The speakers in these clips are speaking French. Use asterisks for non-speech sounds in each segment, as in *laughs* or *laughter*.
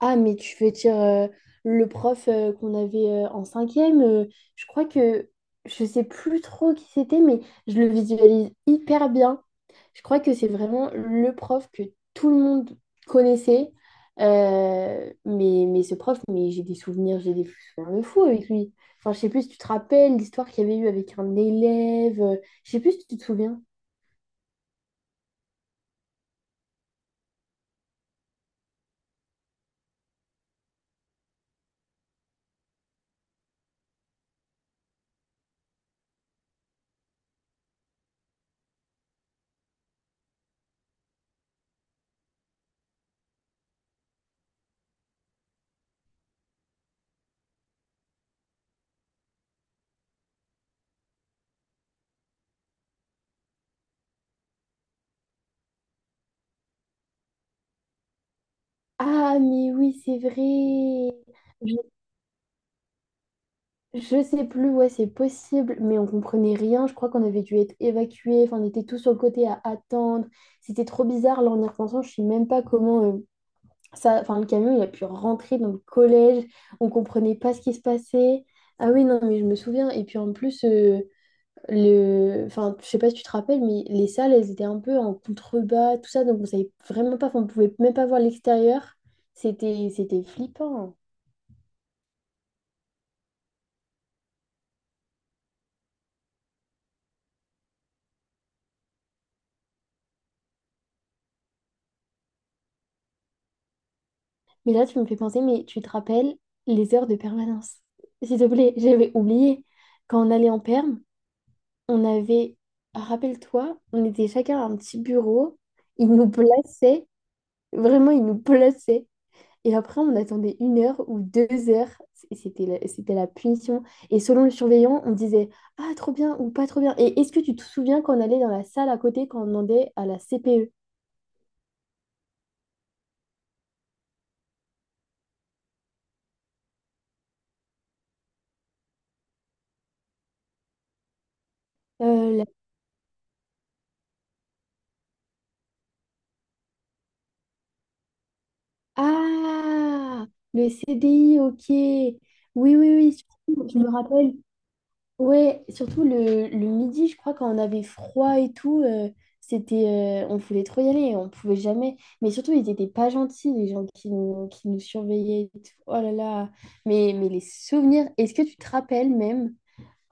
Ah, mais tu veux dire le prof qu'on avait en cinquième, je crois que je sais plus trop qui c'était, mais je le visualise hyper bien. Je crois que c'est vraiment le prof que tout le monde connaissait. Mais ce prof, mais j'ai des souvenirs de fou avec lui. Enfin, je sais plus si tu te rappelles l'histoire qu'il y avait eu avec un élève, je sais plus si tu te souviens. Ah, mais oui, c'est vrai. Je- Je sais plus, ouais, c'est possible, mais on comprenait rien. Je crois qu'on avait dû être évacués. Enfin, on était tous sur le côté à attendre. C'était trop bizarre. Là, en y repensant, je sais même pas comment ça. Enfin, le camion, il a pu rentrer dans le collège. On comprenait pas ce qui se passait. Ah oui, non, mais je me souviens. Et puis en plus, le. Enfin, je sais pas si tu te rappelles, mais les salles, elles étaient un peu en contrebas, tout ça. Donc, on savait vraiment pas. Enfin, on pouvait même pas voir l'extérieur. C'était flippant. Mais là, tu me fais penser, mais tu te rappelles les heures de permanence. S'il te plaît, j'avais oublié. Quand on allait en perm, on avait, rappelle-toi, on était chacun à un petit bureau. Ils nous plaçaient, vraiment, ils nous plaçaient. Et après, on attendait 1 heure ou 2 heures. Et c'était la punition. Et selon le surveillant, on disait, ah, trop bien ou pas trop bien. Et est-ce que tu te souviens quand on allait dans la salle à côté, quand on demandait à la CPE? Euh, Ah, le CDI, ok. Oui, oui, oui, surtout, je me rappelle. Ouais, surtout le midi, je crois, quand on avait froid et tout, on voulait trop y aller, on pouvait jamais. Mais surtout, ils étaient pas gentils, les gens qui nous surveillaient et tout. Oh là là. Mais les souvenirs, est-ce que tu te rappelles même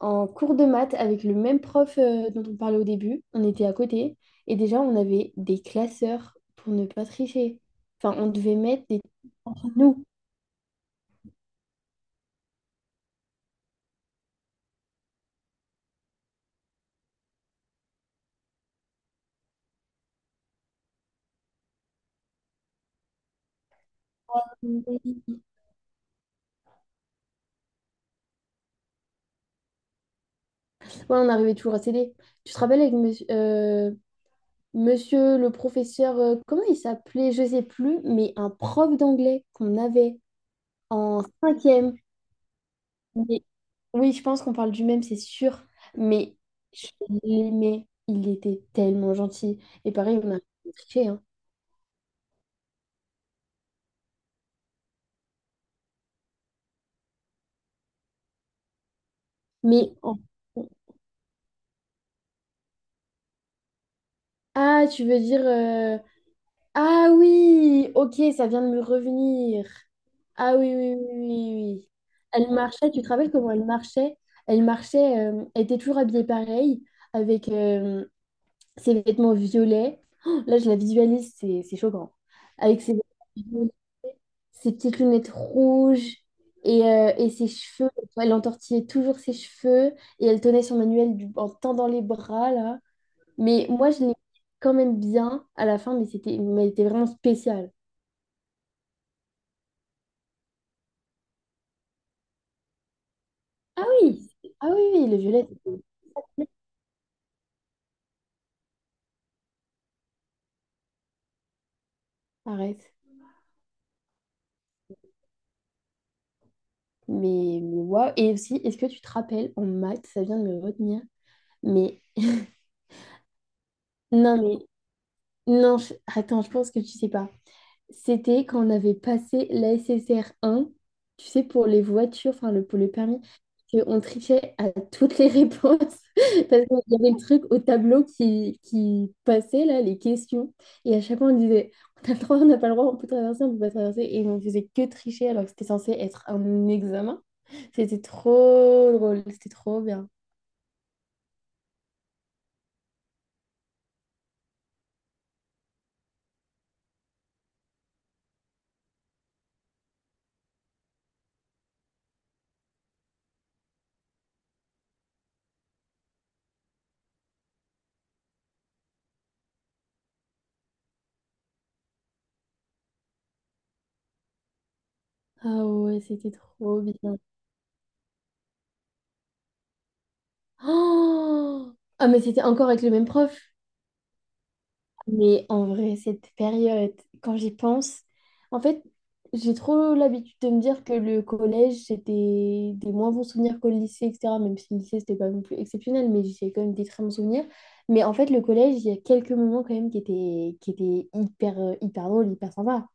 en cours de maths avec le même prof dont on parlait au début? On était à côté et déjà on avait des classeurs pour ne pas tricher. Enfin, on devait mettre des entre nous. Ouais, on arrivait toujours à s'aider. Tu te rappelles avec monsieur, monsieur le professeur, comment il s'appelait? Je sais plus, mais un prof d'anglais qu'on avait en cinquième. Mais- oui, je pense qu'on parle du même, c'est sûr. Mais je l'aimais. Il était tellement gentil. Et pareil, on a triché, hein. Mais en- ah, tu veux dire ah oui, ok, ça vient de me revenir. Ah oui, oui, oui, oui, oui, oui. Elle marchait, tu te rappelles comment elle marchait? Elle marchait, elle était toujours habillée pareil, avec ses vêtements violets. Oh, là, je la visualise, c'est choquant. Avec ses petites lunettes rouges et ses cheveux. Elle entortillait toujours ses cheveux et elle tenait son manuel en tendant les bras, là. Mais moi, je l'ai quand même bien à la fin, mais elle était vraiment spécial. Ah oui, ah oui, oui, le violet, arrête. Mais waouh. Et aussi, est-ce que tu te rappelles en maths, ça vient de me retenir, mais non, mais non, attends, je pense que tu sais pas. C'était quand on avait passé la SSR1, tu sais, pour les voitures, enfin pour le permis, que on trichait à toutes les réponses *laughs* parce qu'il y avait le truc au tableau qui passait, là, les questions. Et à chaque fois, on disait, on a le droit, on n'a pas le droit, on peut traverser, on peut pas traverser. Et on faisait que tricher alors que c'était censé être un examen. C'était trop drôle, c'était trop bien. Ah ouais, c'était trop bien. Oh ah, mais c'était encore avec le même prof. Mais en vrai, cette période, quand j'y pense, en fait, j'ai trop l'habitude de me dire que le collège, c'était des moins bons souvenirs qu'au lycée, etc. Même si le lycée, c'était pas non plus exceptionnel, mais j'ai quand même des très bons souvenirs. Mais en fait, le collège, il y a quelques moments quand même qui étaient hyper, hyper drôles, hyper sympas.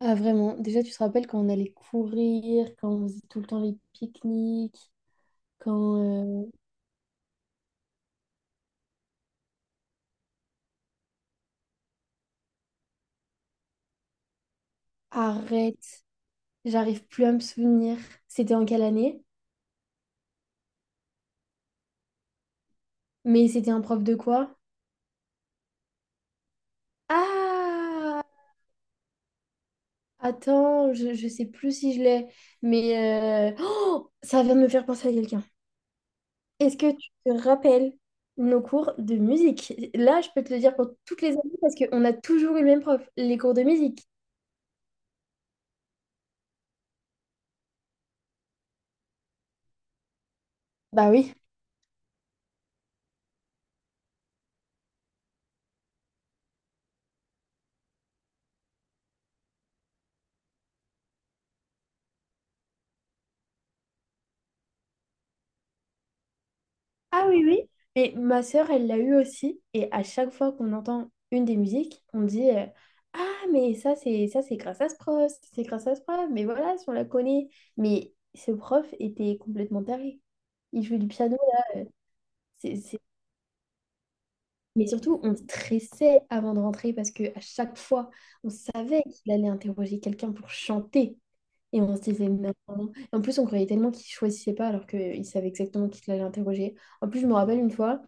Ah, vraiment. Déjà, tu te rappelles quand on allait courir, quand on faisait tout le temps les pique-niques, quand... euh, arrête, j'arrive plus à me souvenir. C'était en quelle année? Mais c'était un prof de quoi? Ah, attends, je sais plus si je l'ai, mais oh, ça vient de me faire penser à quelqu'un. Est-ce que tu te rappelles nos cours de musique? Là, je peux te le dire pour toutes les années parce qu'on a toujours eu le même prof, les cours de musique. Bah oui. Ah oui, oui. Mais ma sœur, elle l'a eu aussi. Et à chaque fois qu'on entend une des musiques, on dit ah, mais ça, c'est grâce à ce prof, c'est grâce à ce prof, mais voilà, si on la connaît. Mais ce prof était complètement taré. Il jouait du piano. C'est- c'est- Mais surtout, on stressait avant de rentrer parce que à chaque fois, on savait qu'il allait interroger quelqu'un pour chanter. Et on se disait, non. En plus, on croyait tellement qu'il choisissait pas alors qu'il savait exactement qui allait interroger. En plus, je me rappelle une fois,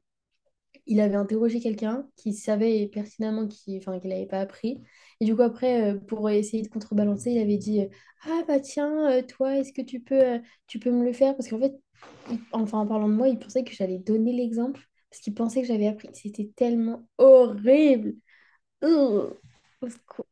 il avait interrogé quelqu'un qui savait pertinemment qu'il enfin, qu'il n'avait pas appris. Et du coup, après, pour essayer de contrebalancer, il avait dit, ah bah tiens, toi, est-ce que tu peux, tu peux me le faire? Parce qu'en fait, enfin, en parlant de moi, il pensait que j'allais donner l'exemple, parce qu'il pensait que j'avais appris. C'était tellement horrible. Ugh. Au secours.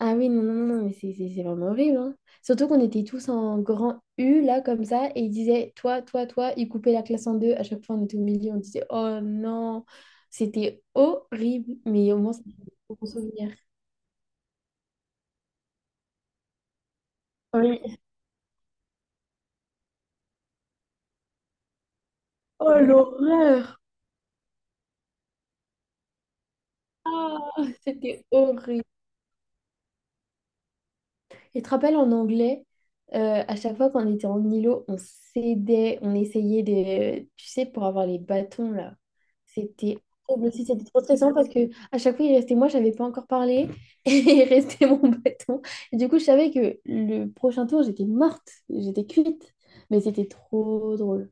Ah oui, non, non, non, non, mais c'est vraiment horrible, hein. Surtout qu'on était tous en grand U, là, comme ça, et ils disaient, toi, toi, toi, ils coupaient la classe en deux. À chaque fois, on était au milieu, on disait, oh non, c'était horrible, mais au moins, c'était un bon souvenir. Oui. Oh, l'horreur! Ah, c'était horrible. Et tu te rappelles en anglais, à chaque fois qu'on était en îlot, on s'aidait, on essayait de, tu sais, pour avoir les bâtons là. C'était horrible aussi, c'était trop stressant parce que à chaque fois il restait moi, j'avais pas encore parlé *laughs* et il restait mon bâton. Et du coup, je savais que le prochain tour, j'étais morte, j'étais cuite, mais c'était trop drôle.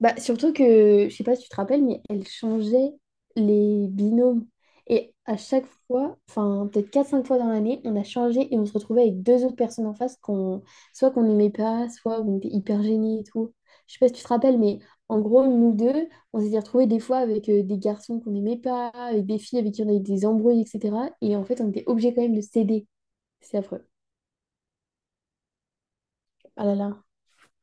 Bah, surtout que, je sais pas si tu te rappelles, mais elle changeait les binômes. Et à chaque fois, enfin peut-être quatre cinq fois dans l'année, on a changé et on se retrouvait avec deux autres personnes en face qu'on soit qu'on n'aimait pas, soit on était hyper gênés et tout. Je sais pas si tu te rappelles, mais en gros, nous deux, on s'était retrouvés des fois avec des garçons qu'on n'aimait pas, avec des filles avec qui on avait des embrouilles, etc. Et en fait, on était obligés quand même de céder. C'est affreux. Ah là là.